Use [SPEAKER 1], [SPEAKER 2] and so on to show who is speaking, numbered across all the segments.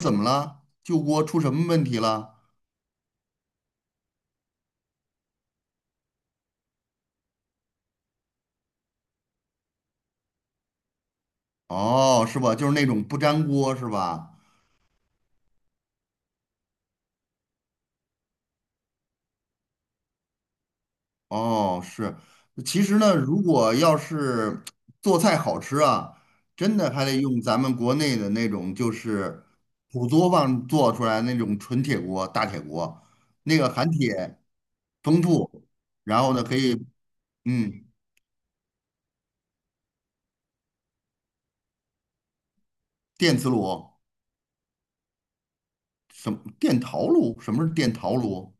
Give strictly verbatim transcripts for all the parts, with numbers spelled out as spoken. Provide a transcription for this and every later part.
[SPEAKER 1] 怎么了？旧锅出什么问题了？哦，是吧？就是那种不粘锅是吧？哦，是。其实呢，如果要是做菜好吃啊，真的还得用咱们国内的那种，就是土作坊做出来那种纯铁锅、大铁锅，那个含铁丰富，然后呢可以，嗯，电磁炉，什么电陶炉？什么是电陶炉？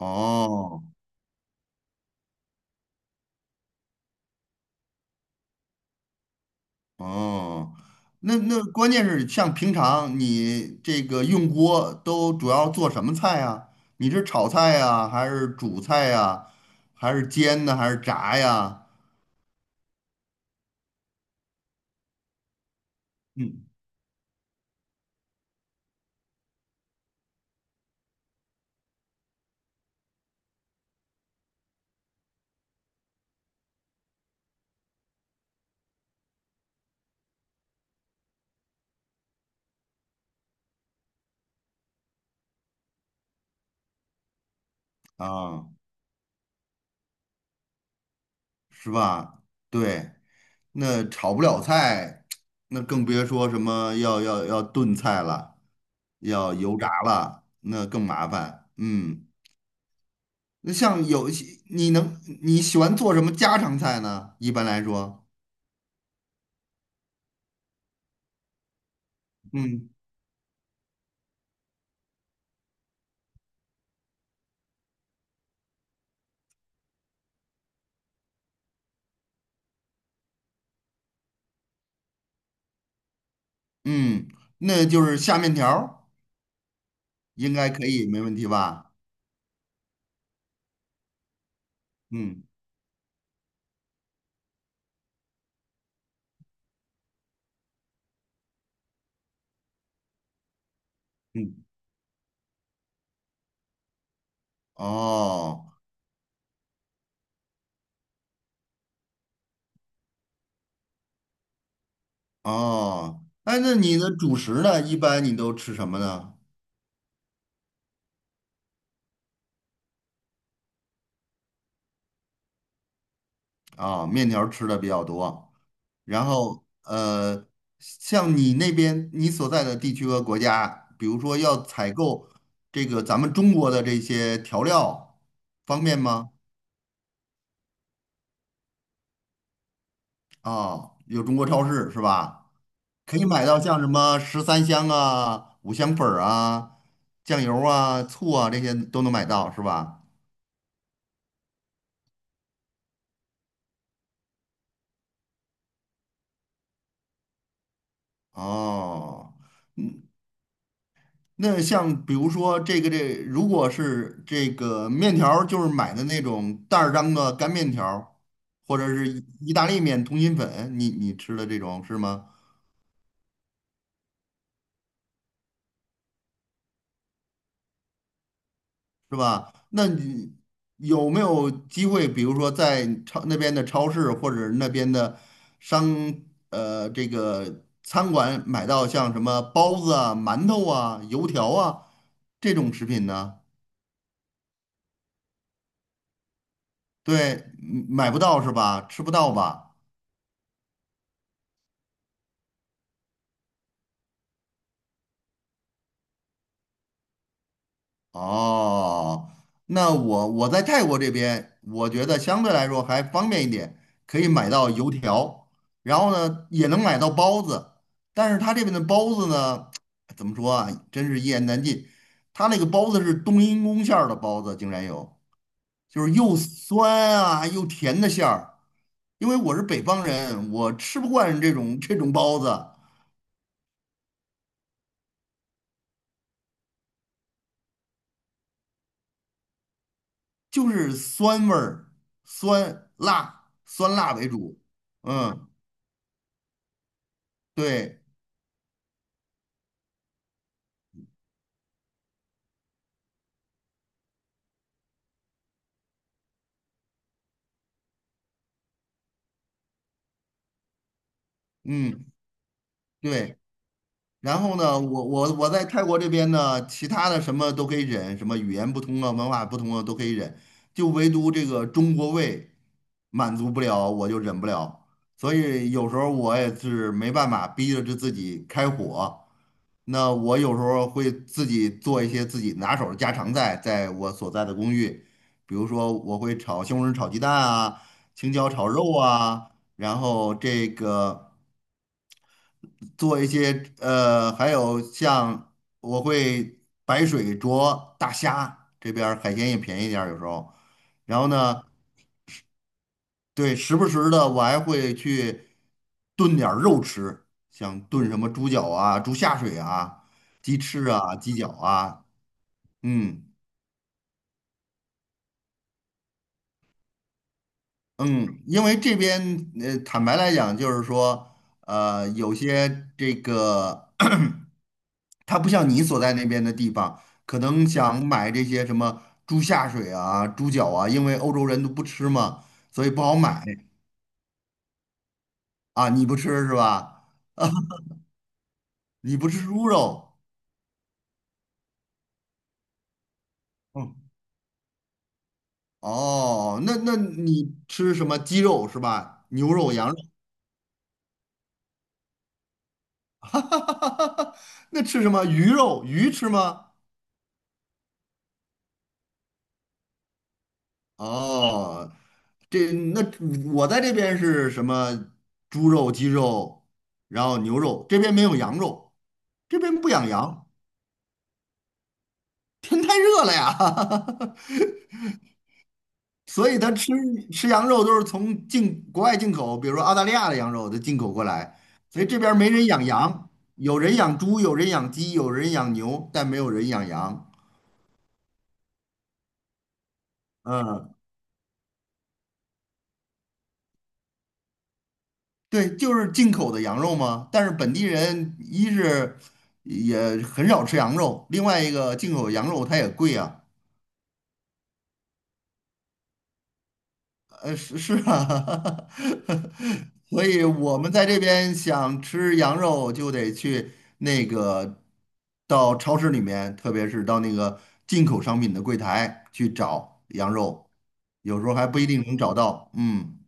[SPEAKER 1] 哦。哦，那那关键是像平常你这个用锅都主要做什么菜啊？你是炒菜呀，还是煮菜呀，还是煎呢，还是炸呀？嗯，啊，是吧？对，那炒不了菜，那更别说什么要要要炖菜了，要油炸了，那更麻烦。嗯，那像有一些你能你喜欢做什么家常菜呢？一般来说，嗯。嗯，那就是下面条儿应该可以，没问题吧？嗯嗯，哦哦，哎，那你的主食呢？一般你都吃什么呢？啊、面条儿吃的比较多，然后呃，像你那边你所在的地区和国家，比如说要采购这个咱们中国的这些调料，方便吗？啊、有中国超市是吧？可以买到像什么十三香啊、五香粉儿啊、酱油啊、醋啊这些都能买到，是吧？哦，那像比如说这个这，如果是这个面条儿就是买的那种袋儿装的干面条儿或者是意意大利面、通心粉，你你吃的这种是吗？是吧？那你有没有机会，比如说在超那边的超市或者那边的商呃这个餐馆买到像什么包子啊、馒头啊、油条啊这种食品呢？对，嗯买不到是吧？吃不到吧？哦，那我我在泰国这边，我觉得相对来说还方便一点，可以买到油条，然后呢也能买到包子，但是他这边的包子呢，怎么说啊，真是一言难尽。他那个包子是冬阴功馅儿的包子，竟然有，就是又酸啊又甜的馅儿。因为我是北方人，我吃不惯这种这种包子，就是酸味儿，酸辣酸辣为主。嗯，对。嗯，对。然后呢，我我我在泰国这边呢，其他的什么都可以忍，什么语言不通啊、文化不通啊都可以忍，就唯独这个中国胃满足不了，我就忍不了。所以有时候我也是没办法，逼着自己开火。那我有时候会自己做一些自己拿手的家常菜，在我所在的公寓，比如说我会炒西红柿炒鸡蛋啊，青椒炒肉啊，然后这个。做一些呃，还有像我会白水灼大虾，这边儿海鲜也便宜点儿有时候。然后呢，对，时不时的我还会去炖点儿肉吃，像炖什么猪脚啊、猪下水啊、鸡翅啊、鸡脚啊，嗯嗯，因为这边呃，坦白来讲，就是说呃，有些这个 它不像你所在那边的地方，可能想买这些什么猪下水啊、猪脚啊，因为欧洲人都不吃嘛，所以不好买啊。你不吃是吧？你不吃猪肉，嗯，哦，那那你吃什么鸡肉是吧？牛肉、羊肉，哈哈哈哈哈那吃什么鱼肉？鱼吃吗？哦，这那我在这边是什么猪肉、鸡肉，然后牛肉，这边没有羊肉，这边不养羊。天太热了呀，所以他吃吃羊肉都是从进国外进口，比如说澳大利亚的羊肉都进口过来，所以这边儿没人养羊，有人养猪，有人养鸡，有人养牛，但没有人养羊。嗯，对，就是进口的羊肉嘛。但是本地人一是也很少吃羊肉，另外一个进口羊肉它也贵啊。呃，是是啊，所以我们在这边想吃羊肉，就得去那个到超市里面，特别是到那个进口商品的柜台去找羊肉，有时候还不一定能找到。嗯，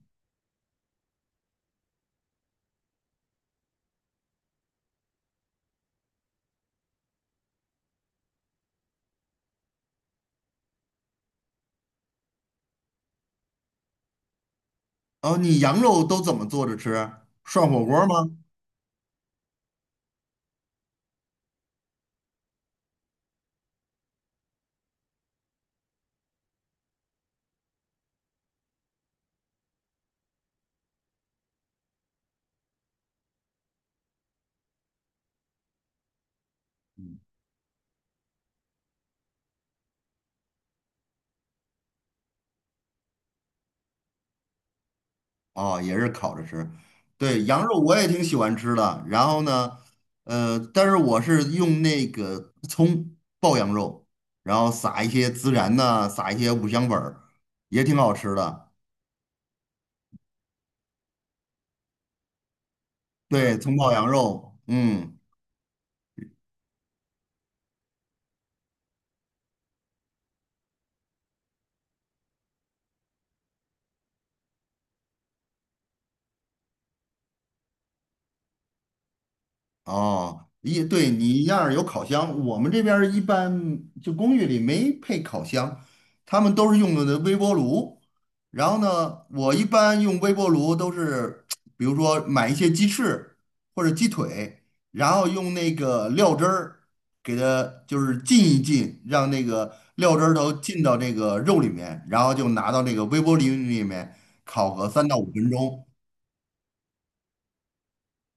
[SPEAKER 1] 哦，你羊肉都怎么做着吃？涮火锅吗？哦，也是烤着吃。对，羊肉我也挺喜欢吃的。然后呢，呃，但是我是用那个葱爆羊肉，然后撒一些孜然呐、撒一些五香粉儿，也挺好吃的。对，葱爆羊肉，嗯。哦，一对你那儿有烤箱，我们这边儿一般就公寓里没配烤箱，他们都是用的微波炉。然后呢，我一般用微波炉都是，比如说买一些鸡翅或者鸡腿，然后用那个料汁儿给它就是浸一浸，让那个料汁儿都浸到这个肉里面，然后就拿到那个微波炉里面烤个三到五分钟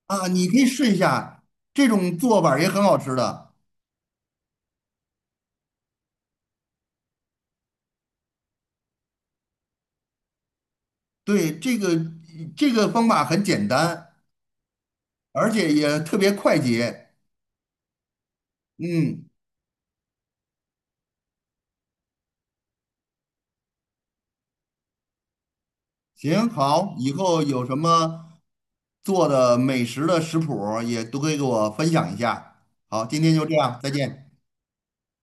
[SPEAKER 1] 啊，你可以试一下，这种做法儿也很好吃的。对，这个这个方法很简单，而且也特别快捷。嗯，行，好，以后有什么做的美食的食谱儿也都可以给我分享一下。好，今天就这样，再见。